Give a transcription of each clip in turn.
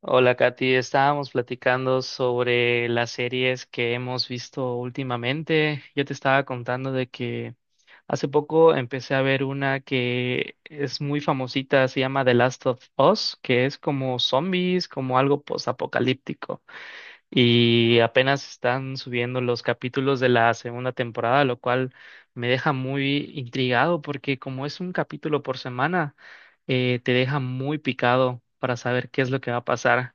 Hola, Katy. Estábamos platicando sobre las series que hemos visto últimamente. Yo te estaba contando de que hace poco empecé a ver una que es muy famosita, se llama The Last of Us, que es como zombies, como algo postapocalíptico. Y apenas están subiendo los capítulos de la segunda temporada, lo cual me deja muy intrigado porque como es un capítulo por semana, te deja muy picado para saber qué es lo que va a pasar.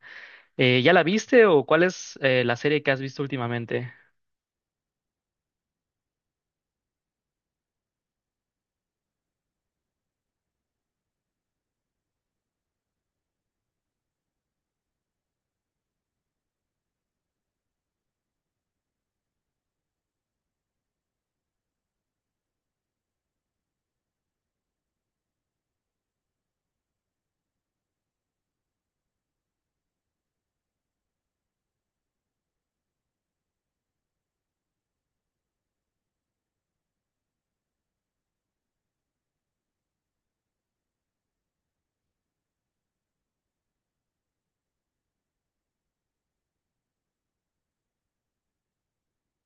¿Ya la viste o cuál es la serie que has visto últimamente?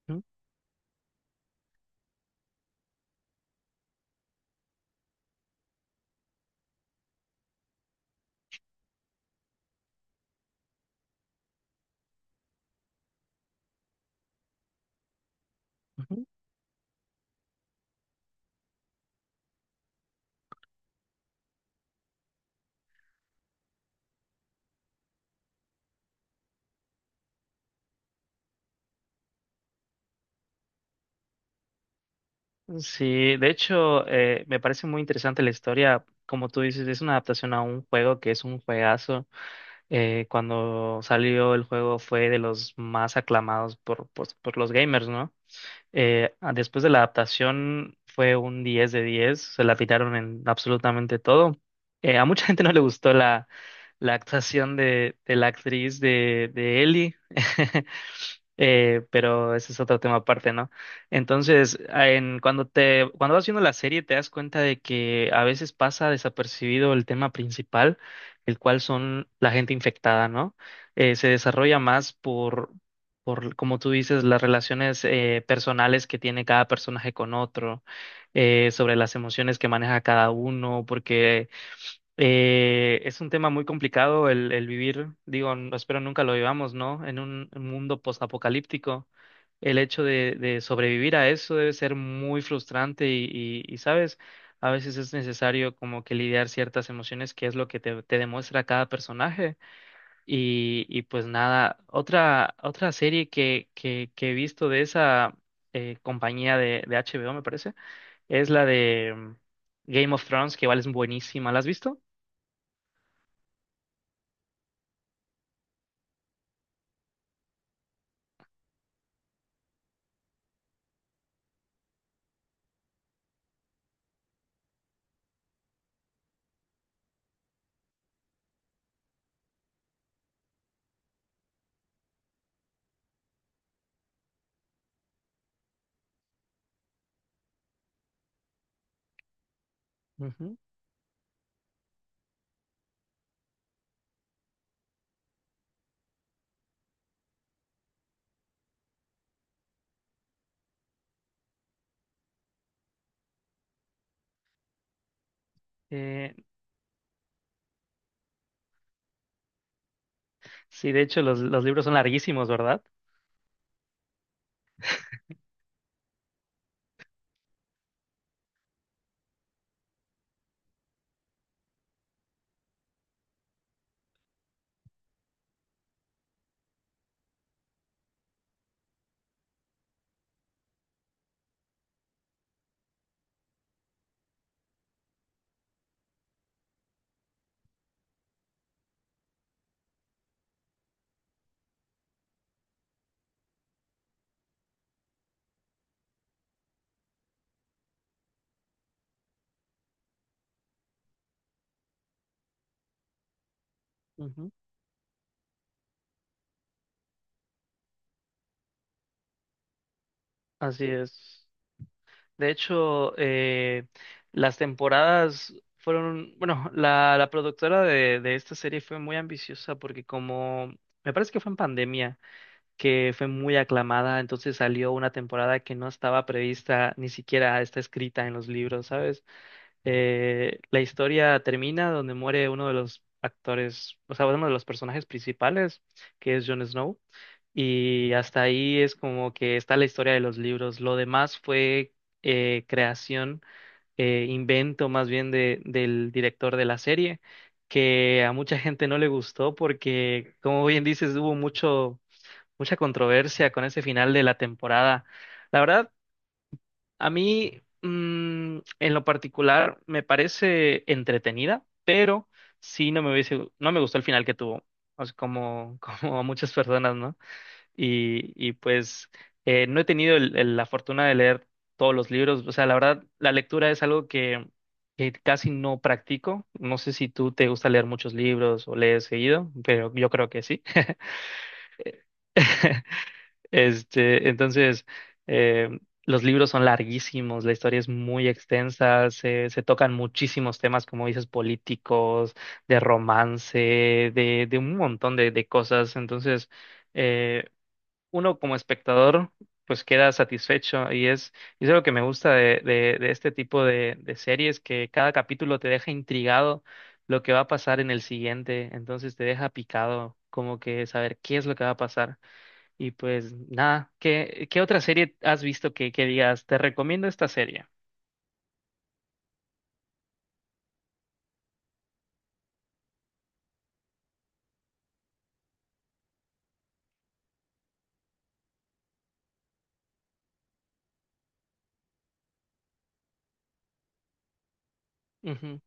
Ujú, ujú. Sí, de hecho, me parece muy interesante la historia. Como tú dices, es una adaptación a un juego que es un juegazo. Cuando salió el juego fue de los más aclamados por los gamers, ¿no? Después de la adaptación fue un 10 de diez, se la tiraron en absolutamente todo. A mucha gente no le gustó la actuación de la actriz de Ellie. Pero ese es otro tema aparte, ¿no? Entonces, cuando vas viendo la serie te das cuenta de que a veces pasa desapercibido el tema principal, el cual son la gente infectada, ¿no? Se desarrolla más por, como tú dices, las relaciones personales que tiene cada personaje con otro, sobre las emociones que maneja cada uno, porque es un tema muy complicado el vivir, digo, espero nunca lo vivamos, ¿no? En un mundo postapocalíptico, el hecho de sobrevivir a eso debe ser muy frustrante y, ¿sabes? A veces es necesario como que lidiar ciertas emociones, que es lo que te demuestra cada personaje. Y pues nada, otra serie que he visto de esa compañía de HBO, me parece, es la de Game of Thrones, que igual es buenísima. ¿La has visto? Ujú. Eh, sí, de hecho, los libros son larguísimos, ¿verdad? Ujú. Así es. De hecho, las temporadas fueron, bueno, la productora de esta serie fue muy ambiciosa porque como, me parece que fue en pandemia que fue muy aclamada, entonces salió una temporada que no estaba prevista, ni siquiera está escrita en los libros, ¿sabes? La historia termina donde muere uno de los actores, o sea, uno de los personajes principales, que es Jon Snow, y hasta ahí es como que está la historia de los libros. Lo demás fue creación, invento más bien del director de la serie, que a mucha gente no le gustó porque, como bien dices, hubo mucho mucha controversia con ese final de la temporada. La verdad, a mí, en lo particular, me parece entretenida, pero sí no me gustó el final que tuvo. O sea, como, como a muchas personas, ¿no? Y pues no he tenido la fortuna de leer todos los libros. O sea, la verdad, la lectura es algo que casi no practico. No sé si tú te gusta leer muchos libros o lees seguido, pero yo creo que sí. Este, entonces, eh, los libros son larguísimos, la historia es muy extensa, se tocan muchísimos temas, como dices, políticos, de romance, de un montón de cosas. Entonces, eh, uno como espectador, pues queda satisfecho y es lo que me gusta de este tipo de series, que cada capítulo te deja intrigado lo que va a pasar en el siguiente, entonces te deja picado, como que saber qué es lo que va a pasar. Y pues nada, ¿qué otra serie has visto que digas, te recomiendo esta serie? Ujú.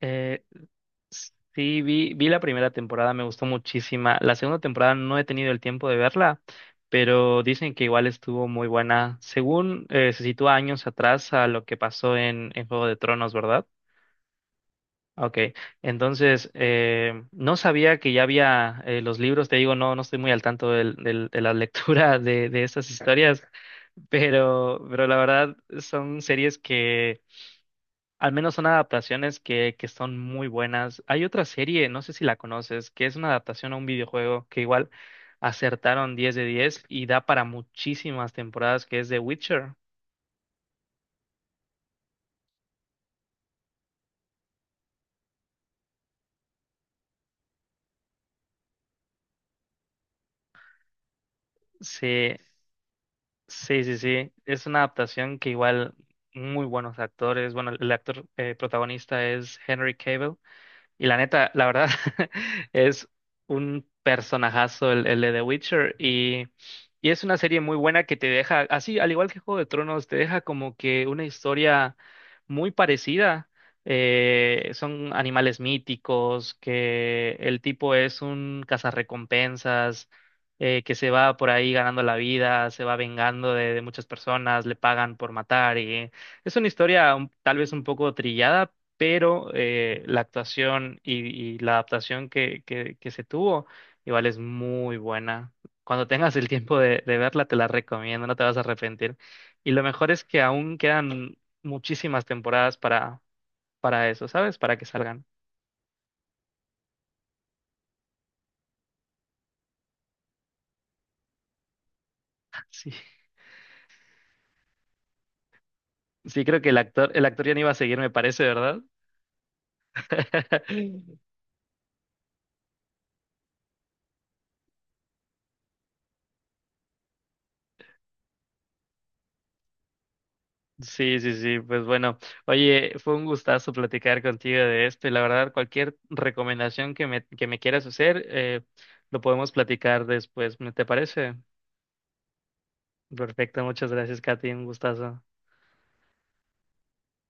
Eh, sí, vi la primera temporada, me gustó muchísima. La segunda temporada no he tenido el tiempo de verla, pero dicen que igual estuvo muy buena. Según se sitúa años atrás a lo que pasó en Juego de Tronos, ¿verdad? Ok, entonces no sabía que ya había los libros, te digo, no, no estoy muy al tanto de la lectura de estas historias, pero la verdad son series que al menos son adaptaciones que son muy buenas. Hay otra serie, no sé si la conoces, que es una adaptación a un videojuego que igual acertaron 10 de 10 y da para muchísimas temporadas, que es The Witcher. Sí, sí, sí. Es una adaptación que igual muy buenos actores. Bueno, el actor protagonista es Henry Cavill. Y la neta, la verdad, es un personajazo el de The Witcher y es una serie muy buena que te deja, así, al igual que Juego de Tronos, te deja como que una historia muy parecida. Son animales míticos, que el tipo es un cazarrecompensas, que se va por ahí ganando la vida, se va vengando de muchas personas, le pagan por matar y es una historia tal vez un poco trillada pero la actuación y la adaptación que se tuvo igual es muy buena. Cuando tengas el tiempo de verla, te la recomiendo, no te vas a arrepentir. Y lo mejor es que aún quedan muchísimas temporadas para eso, ¿sabes? Para que salgan. Sí, sí, creo que el actor ya no iba a seguir, me parece, ¿verdad? Sí, sí, sí, pues bueno, oye, fue un gustazo platicar contigo de esto y la verdad cualquier recomendación que que me quieras hacer, lo podemos platicar después, ¿me te parece? Perfecto, muchas gracias, Katy, un gustazo.